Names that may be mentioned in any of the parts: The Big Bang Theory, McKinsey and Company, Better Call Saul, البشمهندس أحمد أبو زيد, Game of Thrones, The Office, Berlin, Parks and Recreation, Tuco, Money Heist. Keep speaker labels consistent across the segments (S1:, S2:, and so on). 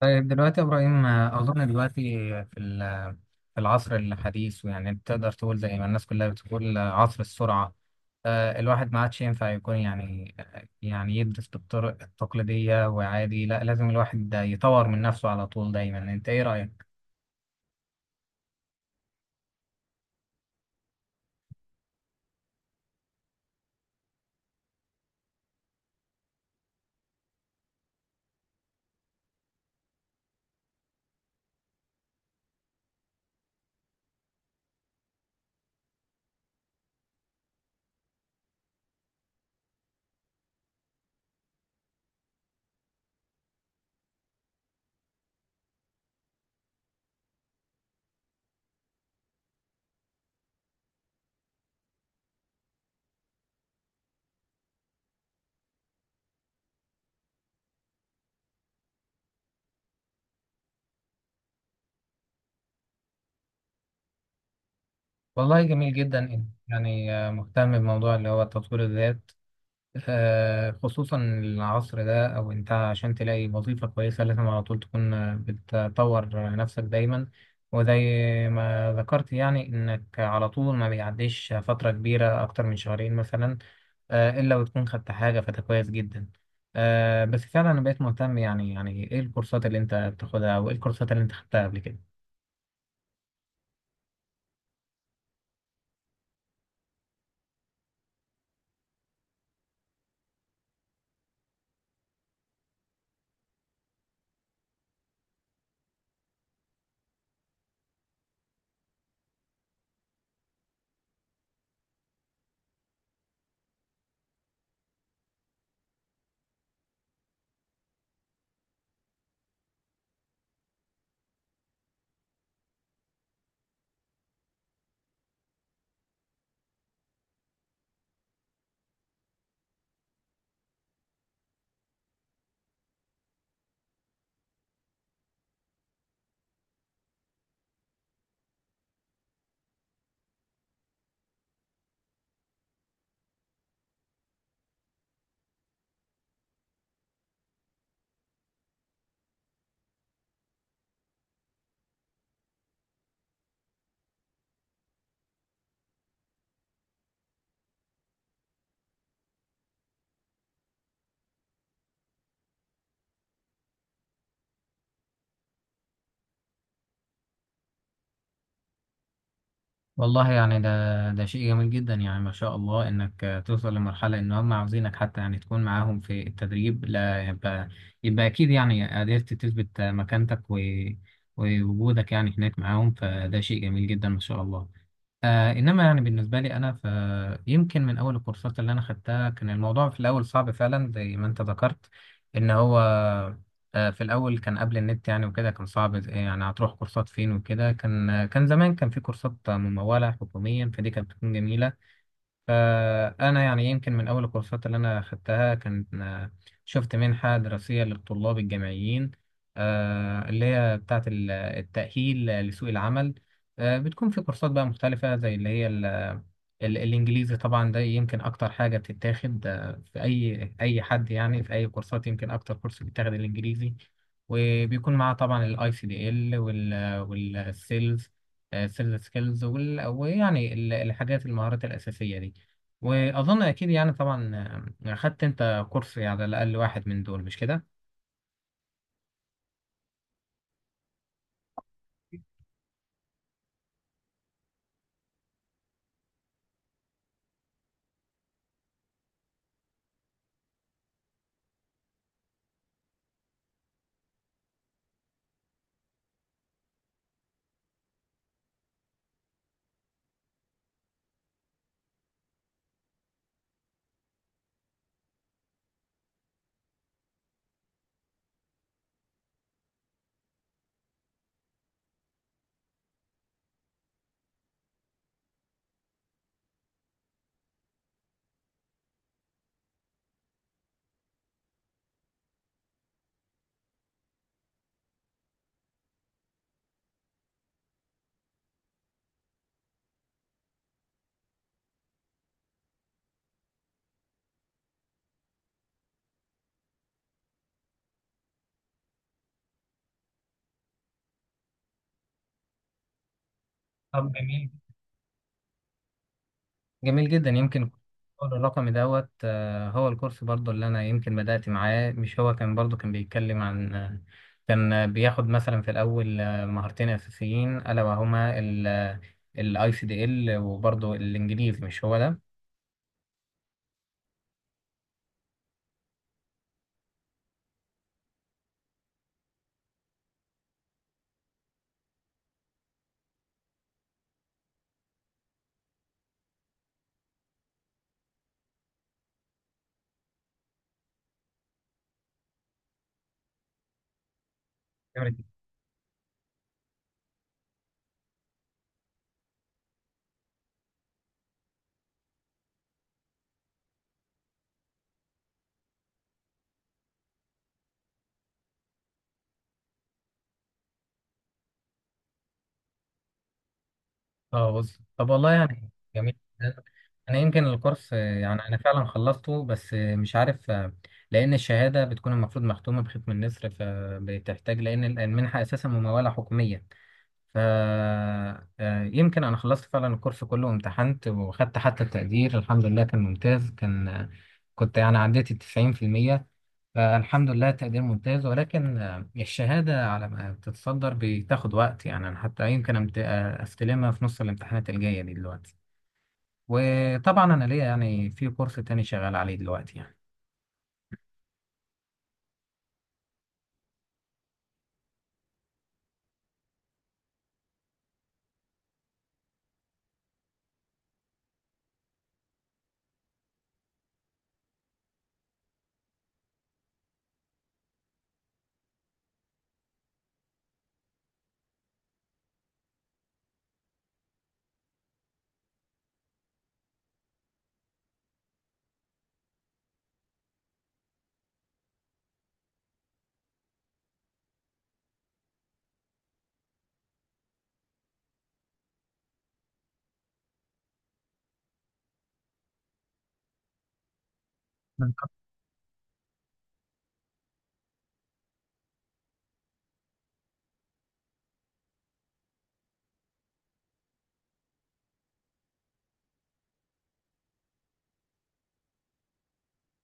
S1: طيب دلوقتي يا إبراهيم، أظن دلوقتي في ال- في العصر الحديث. يعني تقدر تقول زي ما الناس كلها بتقول عصر السرعة. الواحد ما عادش ينفع يكون يعني يدرس بالطرق التقليدية، وعادي لا، لازم الواحد ده يطور من نفسه على طول دايما. أنت إيه رأيك؟ والله جميل جدا إنك يعني مهتم بموضوع اللي هو تطوير الذات. خصوصا العصر ده، او انت عشان تلاقي وظيفة كويسة لازم على طول تكون بتطور نفسك دايما. وزي ما ذكرت يعني انك على طول ما بيعديش فترة كبيرة اكتر من شهرين مثلا الا وتكون خدت حاجة، فده كويس جدا. بس فعلا انا بقيت مهتم، يعني ايه الكورسات اللي انت بتاخدها او ايه الكورسات اللي انت خدتها قبل كده؟ والله يعني ده شيء جميل جدا. يعني ما شاء الله انك توصل لمرحلة ان هم عاوزينك حتى يعني تكون معاهم في التدريب، لا، يبقى اكيد يعني قدرت تثبت مكانتك ووجودك يعني هناك معاهم، فده شيء جميل جدا ما شاء الله. انما يعني بالنسبه لي انا، فيمكن من اول الكورسات اللي انا خدتها كان الموضوع في الاول صعب فعلا زي ما انت ذكرت. ان هو في الاول كان قبل النت، يعني وكده كان صعب، يعني هتروح كورسات فين. وكده كان زمان كان في كورسات مموله حكوميا، فدي كانت بتكون جميله. أنا يعني يمكن من أول الكورسات اللي أنا خدتها كان شفت منحة دراسية للطلاب الجامعيين، اللي هي بتاعة التأهيل لسوق العمل. بتكون في كورسات بقى مختلفة زي اللي هي الإنجليزي، طبعا ده يمكن أكتر حاجة بتتاخد في أي حد. يعني في أي كورسات يمكن أكتر كورس بيتاخد الإنجليزي، وبيكون معاه طبعا الاي سي دي ال، والسيلز سكيلز، ويعني ال- الحاجات المهارات الأساسية دي. واظن اكيد يعني طبعا اخدت انت كورس على الاقل واحد من دول، مش كده؟ طب جميل، جميل جدا. يمكن الكورس الرقمي دوت هو الكورس برضو اللي انا يمكن بدأت معاه، مش هو كان برضو كان بيتكلم عن كان بياخد مثلا في الاول مهارتين اساسيين الا وهما الاي سي دي ال وبرضو الانجليزي، مش هو ده؟ جميل. اه، بص طب، والله يعني جميل. انا يمكن الكورس يعني انا فعلا خلصته، بس مش عارف لان الشهاده بتكون المفروض مختومه بختم النسر، فبتحتاج لان المنحه اساسا مموله حكوميه. ف آه، يمكن انا خلصت فعلا الكورس كله وامتحنت، وخدت حتى التقدير الحمد لله كان ممتاز. كان آه، كنت يعني عديت ال 90%. فالحمد لله تقدير ممتاز، ولكن الشهاده على ما تتصدر بتاخد وقت. يعني انا حتى يمكن استلمها في نص الامتحانات الجايه دي دلوقتي. وطبعا انا ليا يعني في كورس تاني شغال عليه دلوقتي يعني.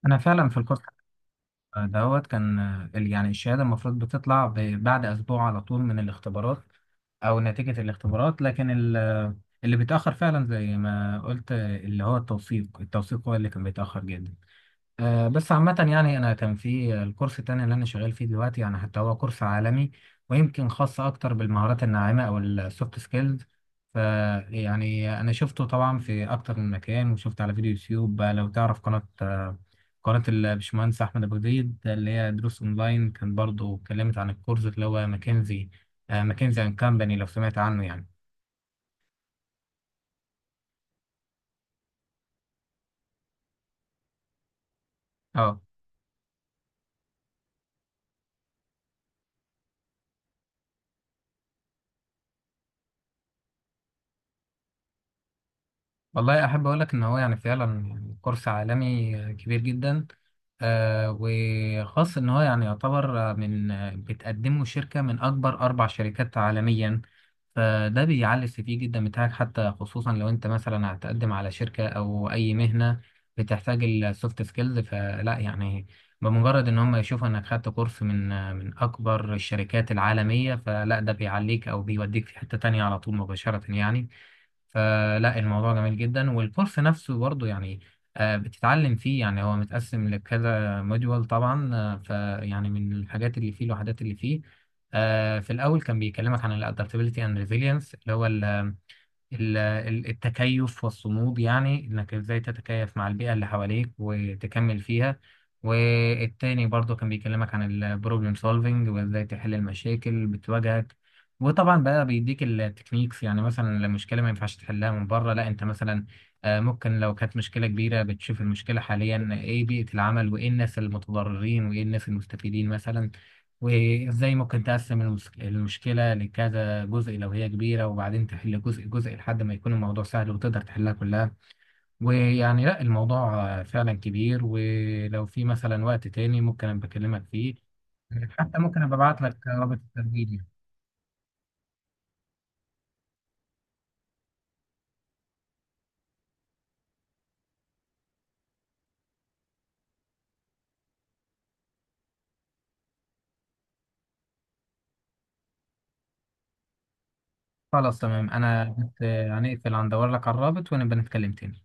S1: انا فعلا في الكورس دوت يعني الشهاده المفروض بتطلع بعد اسبوع على طول من الاختبارات او نتيجه الاختبارات، لكن اللي بيتاخر فعلا زي ما قلت اللي هو التوثيق. هو اللي كان بيتاخر جدا. بس عامة يعني أنا كان في الكورس التاني اللي أنا شغال فيه دلوقتي يعني حتى هو كورس عالمي، ويمكن خاص أكتر بالمهارات الناعمة أو السوفت سكيلز. فيعني أنا شفته طبعا في أكتر من مكان، وشفت على فيديو يوتيوب. لو تعرف قناة قناة البشمهندس أحمد أبو زيد اللي هي دروس أونلاين، كان برضه اتكلمت عن الكورس اللي هو ماكنزي أند كامباني، لو سمعت عنه يعني. اه، والله احب اقول لك ان هو يعني فعلا يعني كورس عالمي كبير جدا. وخاص ان هو يعني يعتبر من بتقدمه شركة من اكبر اربع شركات عالميا. فده بيعلي السي في جدا بتاعك حتى، خصوصا لو انت مثلا هتقدم على شركة او اي مهنة بتحتاج السوفت سكيلز، فلا يعني بمجرد ان هم يشوفوا انك خدت كورس من اكبر الشركات العالمية، فلا ده بيعليك او بيوديك في حتة تانية على طول مباشرة يعني. فلا الموضوع جميل جدا، والكورس نفسه برضو يعني بتتعلم فيه. يعني هو متقسم لكذا موديول طبعا. فيعني من الحاجات اللي فيه الوحدات اللي فيه في الأول كان بيكلمك عن ال adaptability and resilience، اللي هو التكيف والصمود، يعني انك ازاي تتكيف مع البيئة اللي حواليك وتكمل فيها. والتاني برضه كان بيكلمك عن البروبلم سولفينج وازاي تحل المشاكل بتواجهك. وطبعا بقى بيديك التكنيكس، يعني مثلا لو مشكلة ما ينفعش تحلها من بره، لا انت مثلا ممكن لو كانت مشكلة كبيرة بتشوف المشكلة حاليا، ايه بيئة العمل، وايه الناس المتضررين، وايه الناس المستفيدين مثلا، وازاي ممكن تقسم المشكلة لكذا جزء لو هي كبيرة، وبعدين تحل جزء جزء لحد ما يكون الموضوع سهل، وتقدر تحلها كلها. ويعني لا الموضوع فعلا كبير، ولو في مثلا وقت تاني ممكن أبقى أكلمك فيه، حتى ممكن أبقى أبعت لك رابط التسجيل يعني. خلاص تمام، أنا هنقفل هندور لك على الرابط، ونبقى نتكلم تاني